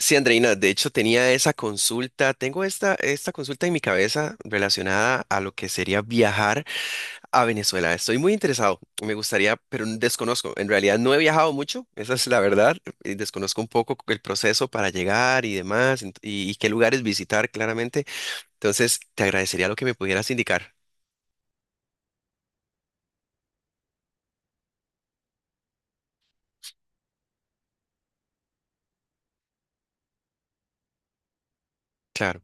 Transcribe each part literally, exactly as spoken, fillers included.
Sí, Andreina, de hecho tenía esa consulta, tengo esta, esta consulta en mi cabeza relacionada a lo que sería viajar a Venezuela. Estoy muy interesado, me gustaría, pero desconozco. En realidad no he viajado mucho, esa es la verdad. eh, Desconozco un poco el proceso para llegar y demás, ent- y, y qué lugares visitar claramente. Entonces, te agradecería lo que me pudieras indicar. Claro.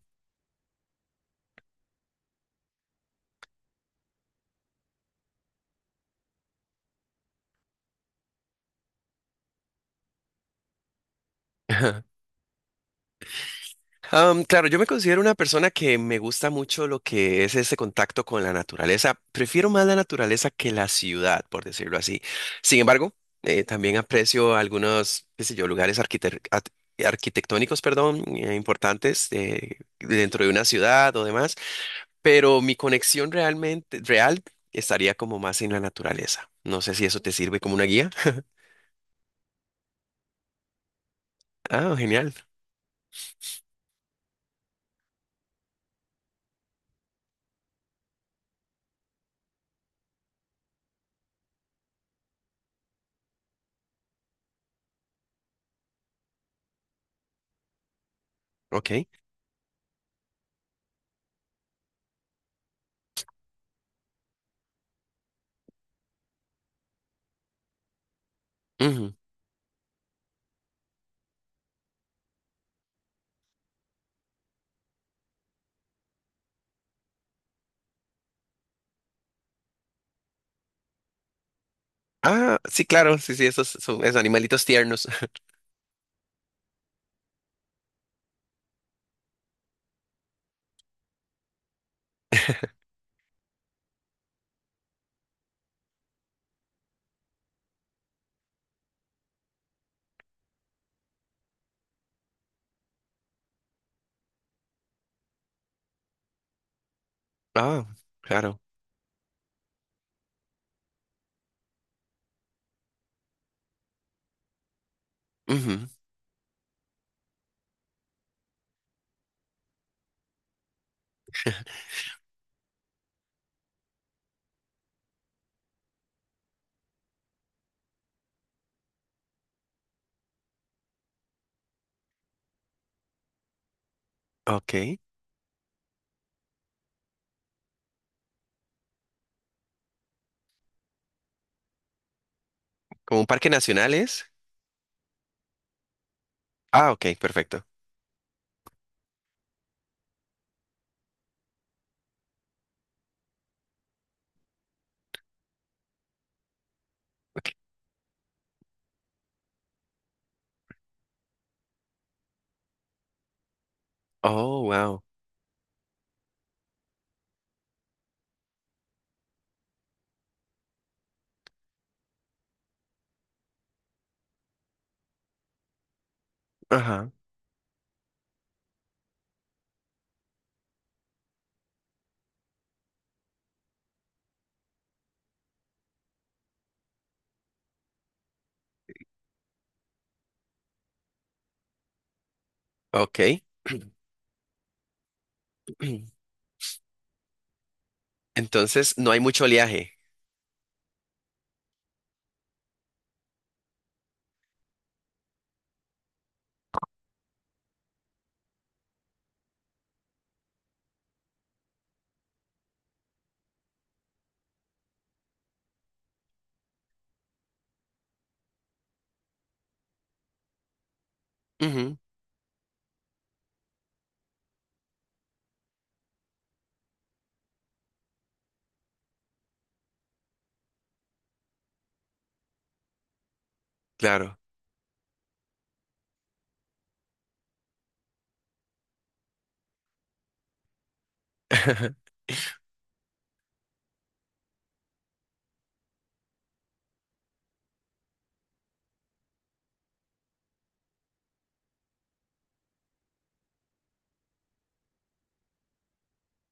Am, claro, yo me considero una persona que me gusta mucho lo que es ese contacto con la naturaleza. Prefiero más la naturaleza que la ciudad, por decirlo así. Sin embargo, eh, también aprecio algunos, qué sé yo, lugares arquite- at- arquitectónicos, perdón, eh, importantes eh, dentro de una ciudad o demás, pero mi conexión realmente real estaría como más en la naturaleza. No sé si eso te sirve como una guía. Ah, genial. Ok. Ujú. Ah, sí, claro, sí, sí, esos son esos animalitos tiernos. Ah, claro. Ujú. Ok. ¿Como un parque nacional es? Ah, ok, perfecto. Ok. Oh, wow. Ajá. Ok. Entonces no hay mucho oleaje. Ujú. Claro.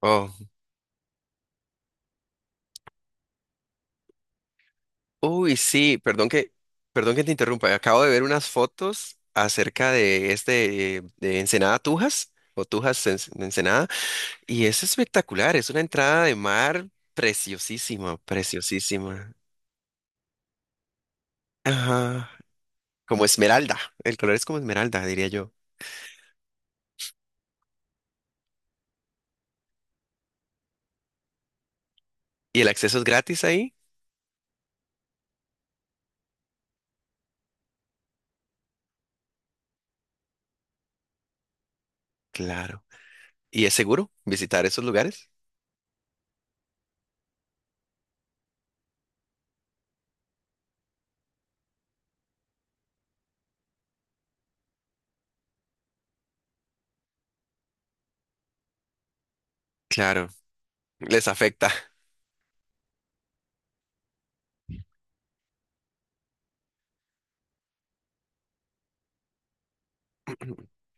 Oh. Uy, sí, perdón que, perdón que te interrumpa. Acabo de ver unas fotos acerca de este eh, de Ensenada Tujas o Tujas en- de Ensenada y es espectacular, es una entrada de mar preciosísima, preciosísima. Ajá, como esmeralda. El color es como esmeralda, diría yo. ¿Y el acceso es gratis ahí? Claro. ¿Y es seguro visitar esos lugares? Claro, les afecta.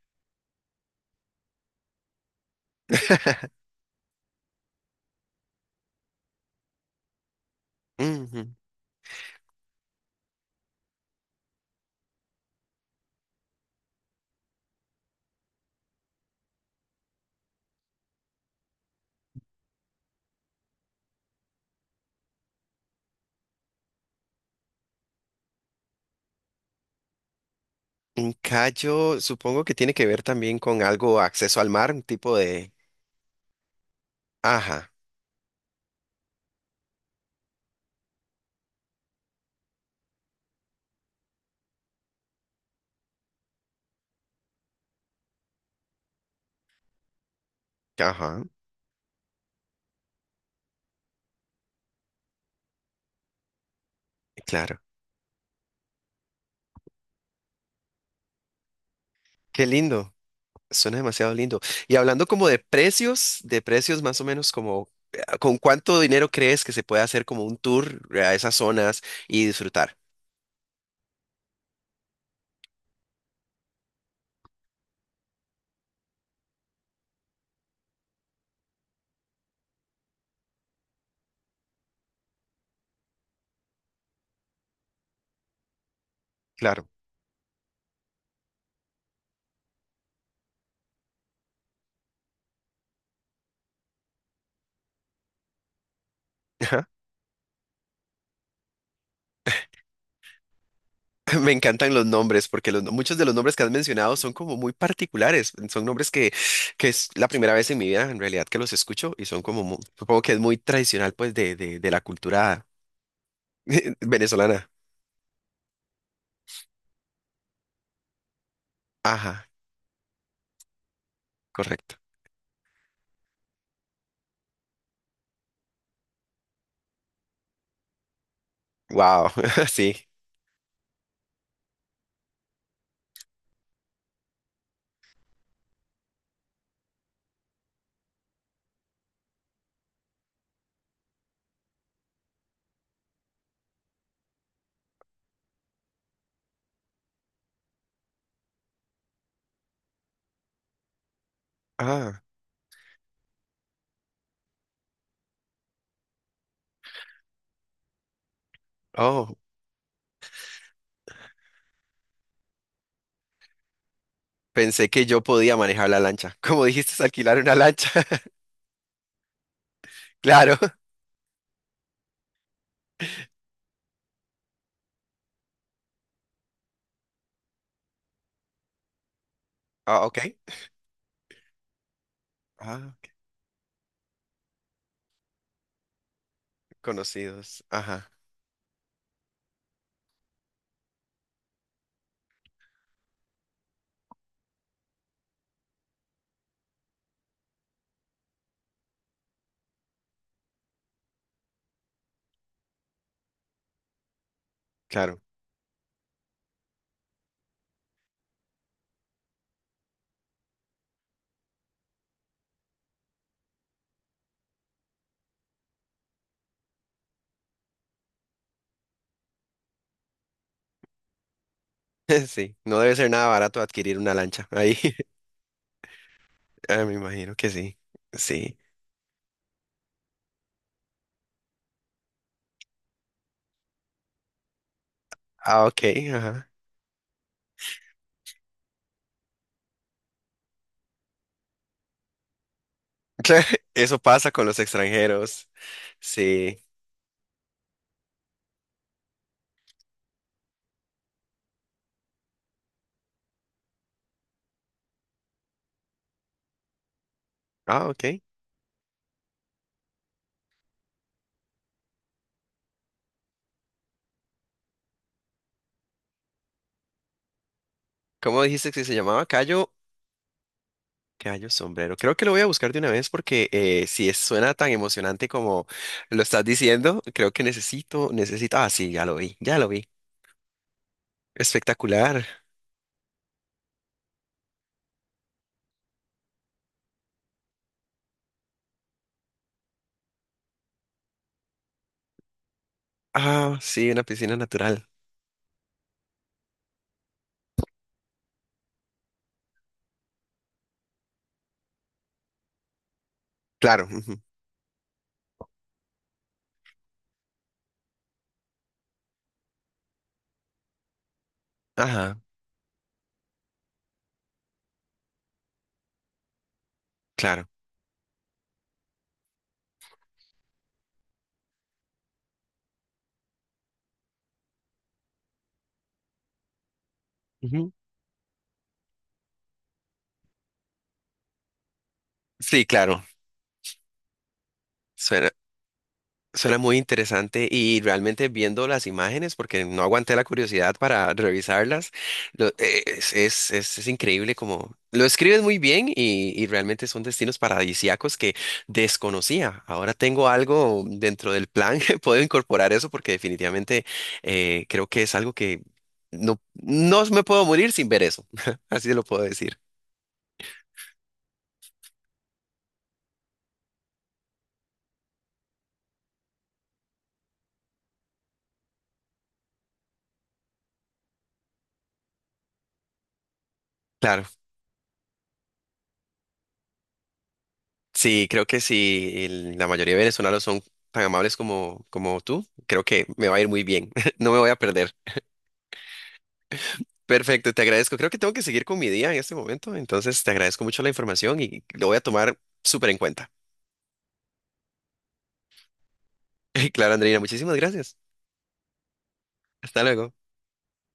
Ujú. Un callo, supongo que tiene que ver también con algo acceso al mar, un tipo de... Ajá, ajá, claro. Qué lindo, suena demasiado lindo. Y hablando como de precios, de precios más o menos como, eh, ¿con cuánto dinero crees que se puede hacer como un tour a esas zonas y disfrutar? Claro. Me encantan los nombres, porque los, no- muchos de los nombres que has mencionado son como muy particulares. Son nombres que, que es la primera vez en mi vida, en realidad, que los escucho y son como, mu- supongo que es muy tradicional, pues, de, de, de la cultura venezolana. Ajá, correcto. Wow, sí. Ah, oh, pensé que yo podía manejar la lancha. Como dijiste, es alquilar una lancha. Claro. Ah, ok. Ah, ok, conocidos. Ajá, claro. Sí, no debe ser nada barato adquirir una lancha ahí. Ah, me imagino que sí. Sí. Ah, ok, ajá. Eso pasa con los extranjeros. Sí. Ah, ok. ¿Cómo dijiste que se llamaba? Cayo. Cayo Sombrero. Creo que lo voy a buscar de una vez porque eh, si es- suena tan emocionante como lo estás diciendo, creo que necesito, necesito. Ah, sí, ya lo vi, ya lo vi. Espectacular. Ah, sí, una piscina natural. Claro, ujú. Ajá, claro. Ujú. Sí, claro. Suena muy interesante y realmente viendo las imágenes, porque no aguanté la curiosidad para revisarlas, lo- eh, es, es, es- es increíble como lo escribes muy bien y, y realmente son destinos paradisíacos que desconocía. Ahora tengo algo dentro del plan que puedo incorporar eso porque definitivamente eh, creo que es algo que no, no me puedo morir sin ver eso, así lo puedo decir. Claro. Sí, creo que si el- la mayoría de venezolanos son tan amables como, como tú, creo que me va a ir muy bien. No me voy a perder. Perfecto, te agradezco. Creo que tengo que seguir con mi día en este momento, entonces te agradezco mucho la información y lo voy a tomar súper en cuenta. Claro, Andreina, muchísimas gracias. Hasta luego.